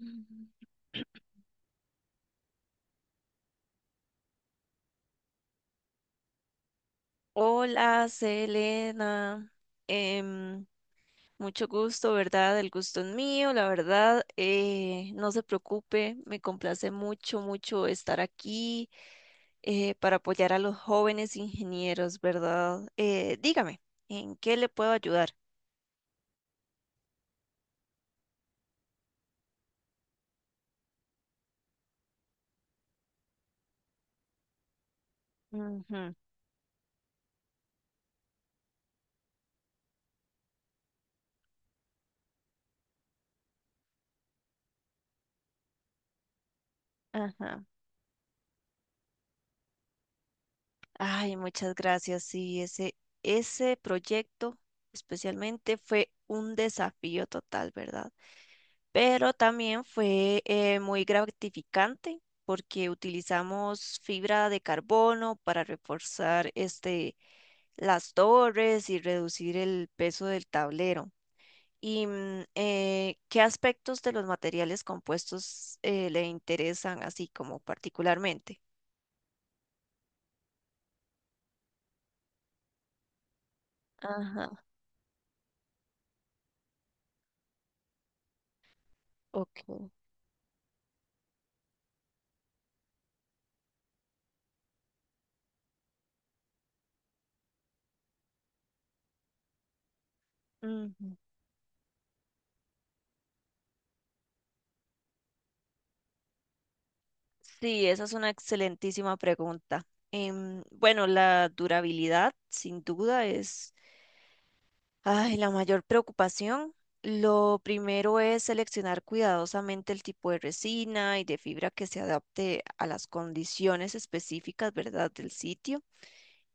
Ujú. Hola, Selena. Em, mucho gusto, ¿verdad? El gusto es mío, la verdad. No se preocupe, me complace mucho estar aquí para apoyar a los jóvenes ingenieros, ¿verdad? Dígame, ¿en qué le puedo ayudar? Ujú, ajá. Ay, muchas gracias. Sí, ese proyecto especialmente fue un desafío total, ¿verdad? Pero también fue muy gratificante porque utilizamos fibra de carbono para reforzar las torres y reducir el peso del tablero. ¿Y qué aspectos de los materiales compuestos le interesan así como particularmente? Ajá, ok. Ujú. Sí, esa es una excelentísima pregunta. Bueno, la durabilidad sin duda es, ay, la mayor preocupación. Lo primero es seleccionar cuidadosamente el tipo de resina y de fibra que se adapte a las condiciones específicas, ¿verdad?, del sitio.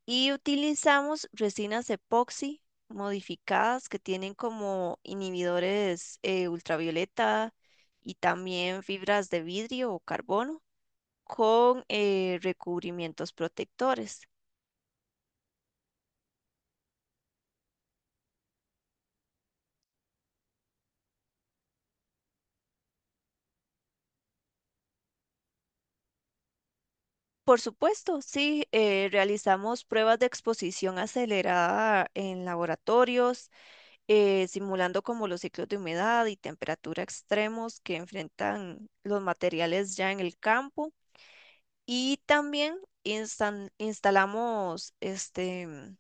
Y utilizamos resinas epoxi modificadas que tienen como inhibidores ultravioleta, y también fibras de vidrio o carbono con recubrimientos protectores. Por supuesto, sí, realizamos pruebas de exposición acelerada en laboratorios, simulando como los ciclos de humedad y temperatura extremos que enfrentan los materiales ya en el campo. Y también instalamos este, mm,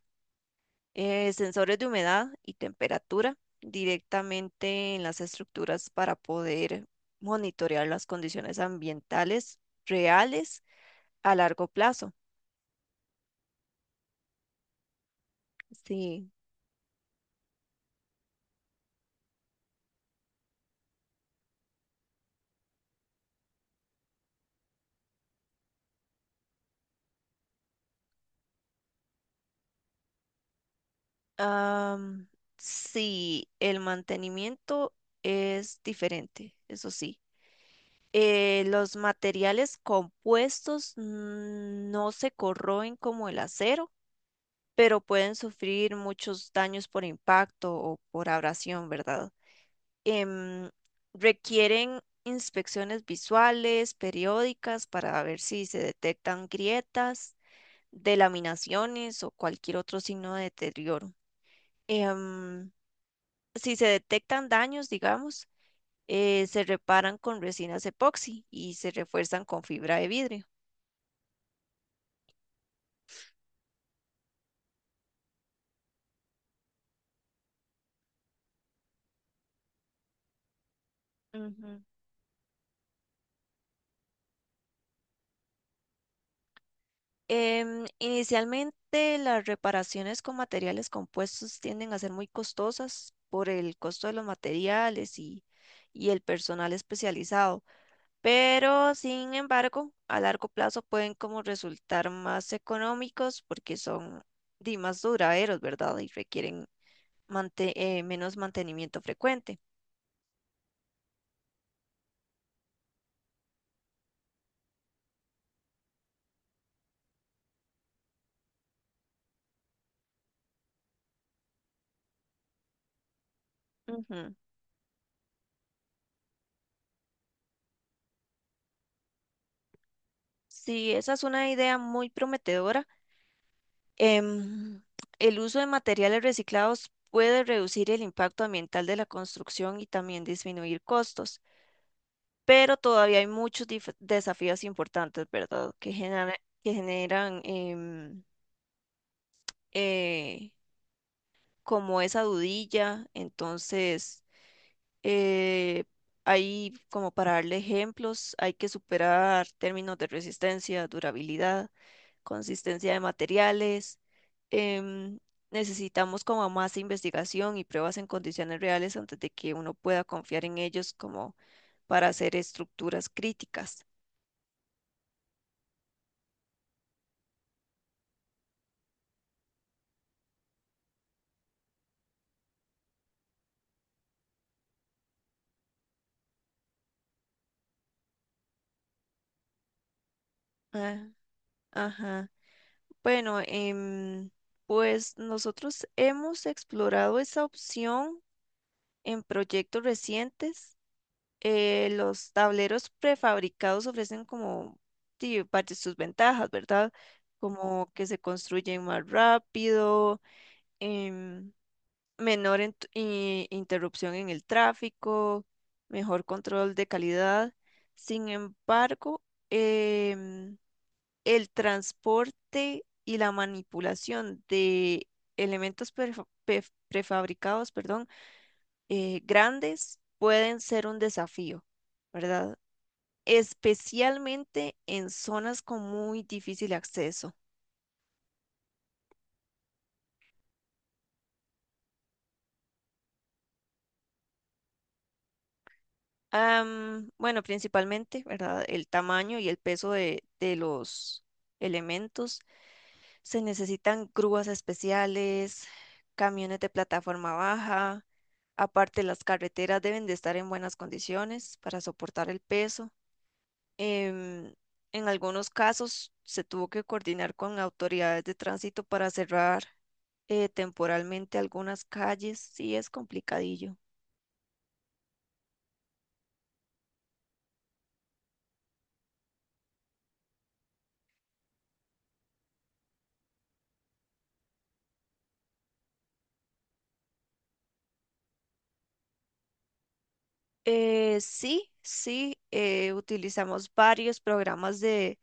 eh, sensores de humedad y temperatura directamente en las estructuras para poder monitorear las condiciones ambientales reales a largo plazo. Sí. Am, sí, el mantenimiento es diferente, eso sí. Los materiales compuestos no se corroen como el acero, pero pueden sufrir muchos daños por impacto o por abrasión, ¿verdad? Em, Requieren inspecciones visuales, periódicas, para ver si se detectan grietas, delaminaciones o cualquier otro signo de deterioro. Em, si se detectan daños, digamos, se reparan con resinas epoxi y se refuerzan con fibra de vidrio. Ujú. Inicialmente las reparaciones con materiales compuestos tienden a ser muy costosas por el costo de los materiales y el personal especializado, pero sin embargo, a largo plazo pueden como resultar más económicos porque son di, más duraderos, ¿verdad? Y requieren mante- menos mantenimiento frecuente. Ujú. Sí, esa es una idea muy prometedora. Em, el uso de materiales reciclados puede reducir el impacto ambiental de la construcción y también disminuir costos, pero todavía hay muchos desafíos importantes, ¿verdad? Que generan eh, como esa dudilla. Entonces, Eh, hay, como para darle ejemplos, hay que superar términos de resistencia, durabilidad, consistencia de materiales. em, Necesitamos como más investigación y pruebas en condiciones reales antes de que uno pueda confiar en ellos como para hacer estructuras críticas. Ah, ajá. Bueno, pues nosotros hemos explorado esa opción en proyectos recientes. Los tableros prefabricados ofrecen como, sí, varias sus ventajas, ¿verdad? Como que se construyen más rápido, em, menor interrupción en el tráfico, mejor control de calidad. Sin embargo, em, el transporte y la manipulación de elementos prefabricados, perdón, grandes pueden ser un desafío, ¿verdad? Especialmente en zonas con muy difícil acceso. Bueno, principalmente, ¿verdad? El tamaño y el peso de los elementos. Se necesitan grúas especiales, camiones de plataforma baja. Aparte, las carreteras deben de estar en buenas condiciones para soportar el peso. em, en algunos casos se tuvo que coordinar con autoridades de tránsito para cerrar temporalmente algunas calles. Sí, es complicadillo. Sí, sí, utilizamos varios programas de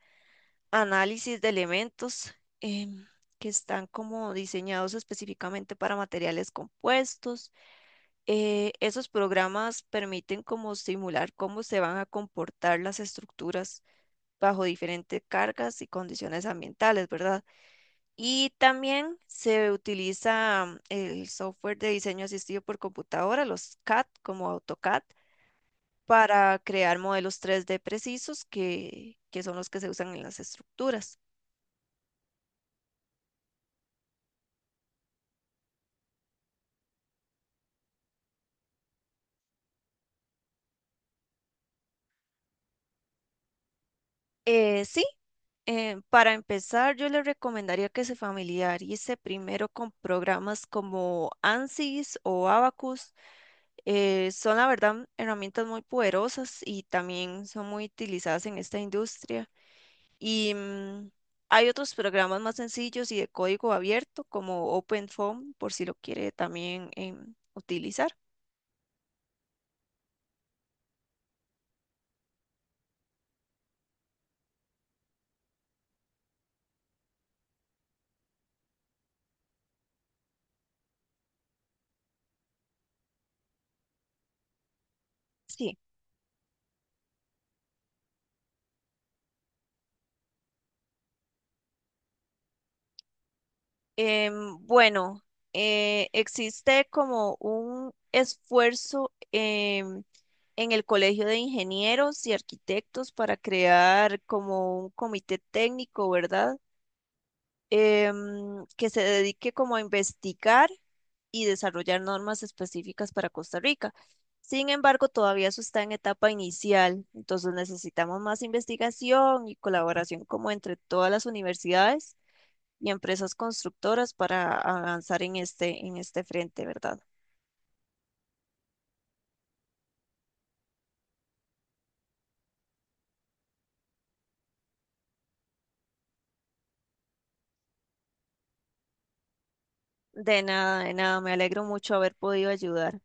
análisis de elementos em, que están como diseñados específicamente para materiales compuestos. Esos programas permiten como simular cómo se van a comportar las estructuras bajo diferentes cargas y condiciones ambientales, ¿verdad? Y también se utiliza el software de diseño asistido por computadora, los CAD como AutoCAD, para crear modelos 3D precisos que son los que se usan en las estructuras. Eh, sí, para empezar, yo le recomendaría que se familiarice primero con programas como ANSYS o Abacus. Son la verdad herramientas muy poderosas y también son muy utilizadas en esta industria. Y hay otros programas más sencillos y de código abierto como OpenFOAM, por si lo quiere también utilizar. Sí. Bueno, existe como un esfuerzo en el Colegio de Ingenieros y Arquitectos para crear como un comité técnico, ¿verdad? Que se dedique como a investigar y desarrollar normas específicas para Costa Rica. Sin embargo, todavía eso está en etapa inicial, entonces necesitamos más investigación y colaboración como entre todas las universidades y empresas constructoras para avanzar en este frente, ¿verdad? De nada, me alegro mucho haber podido ayudar.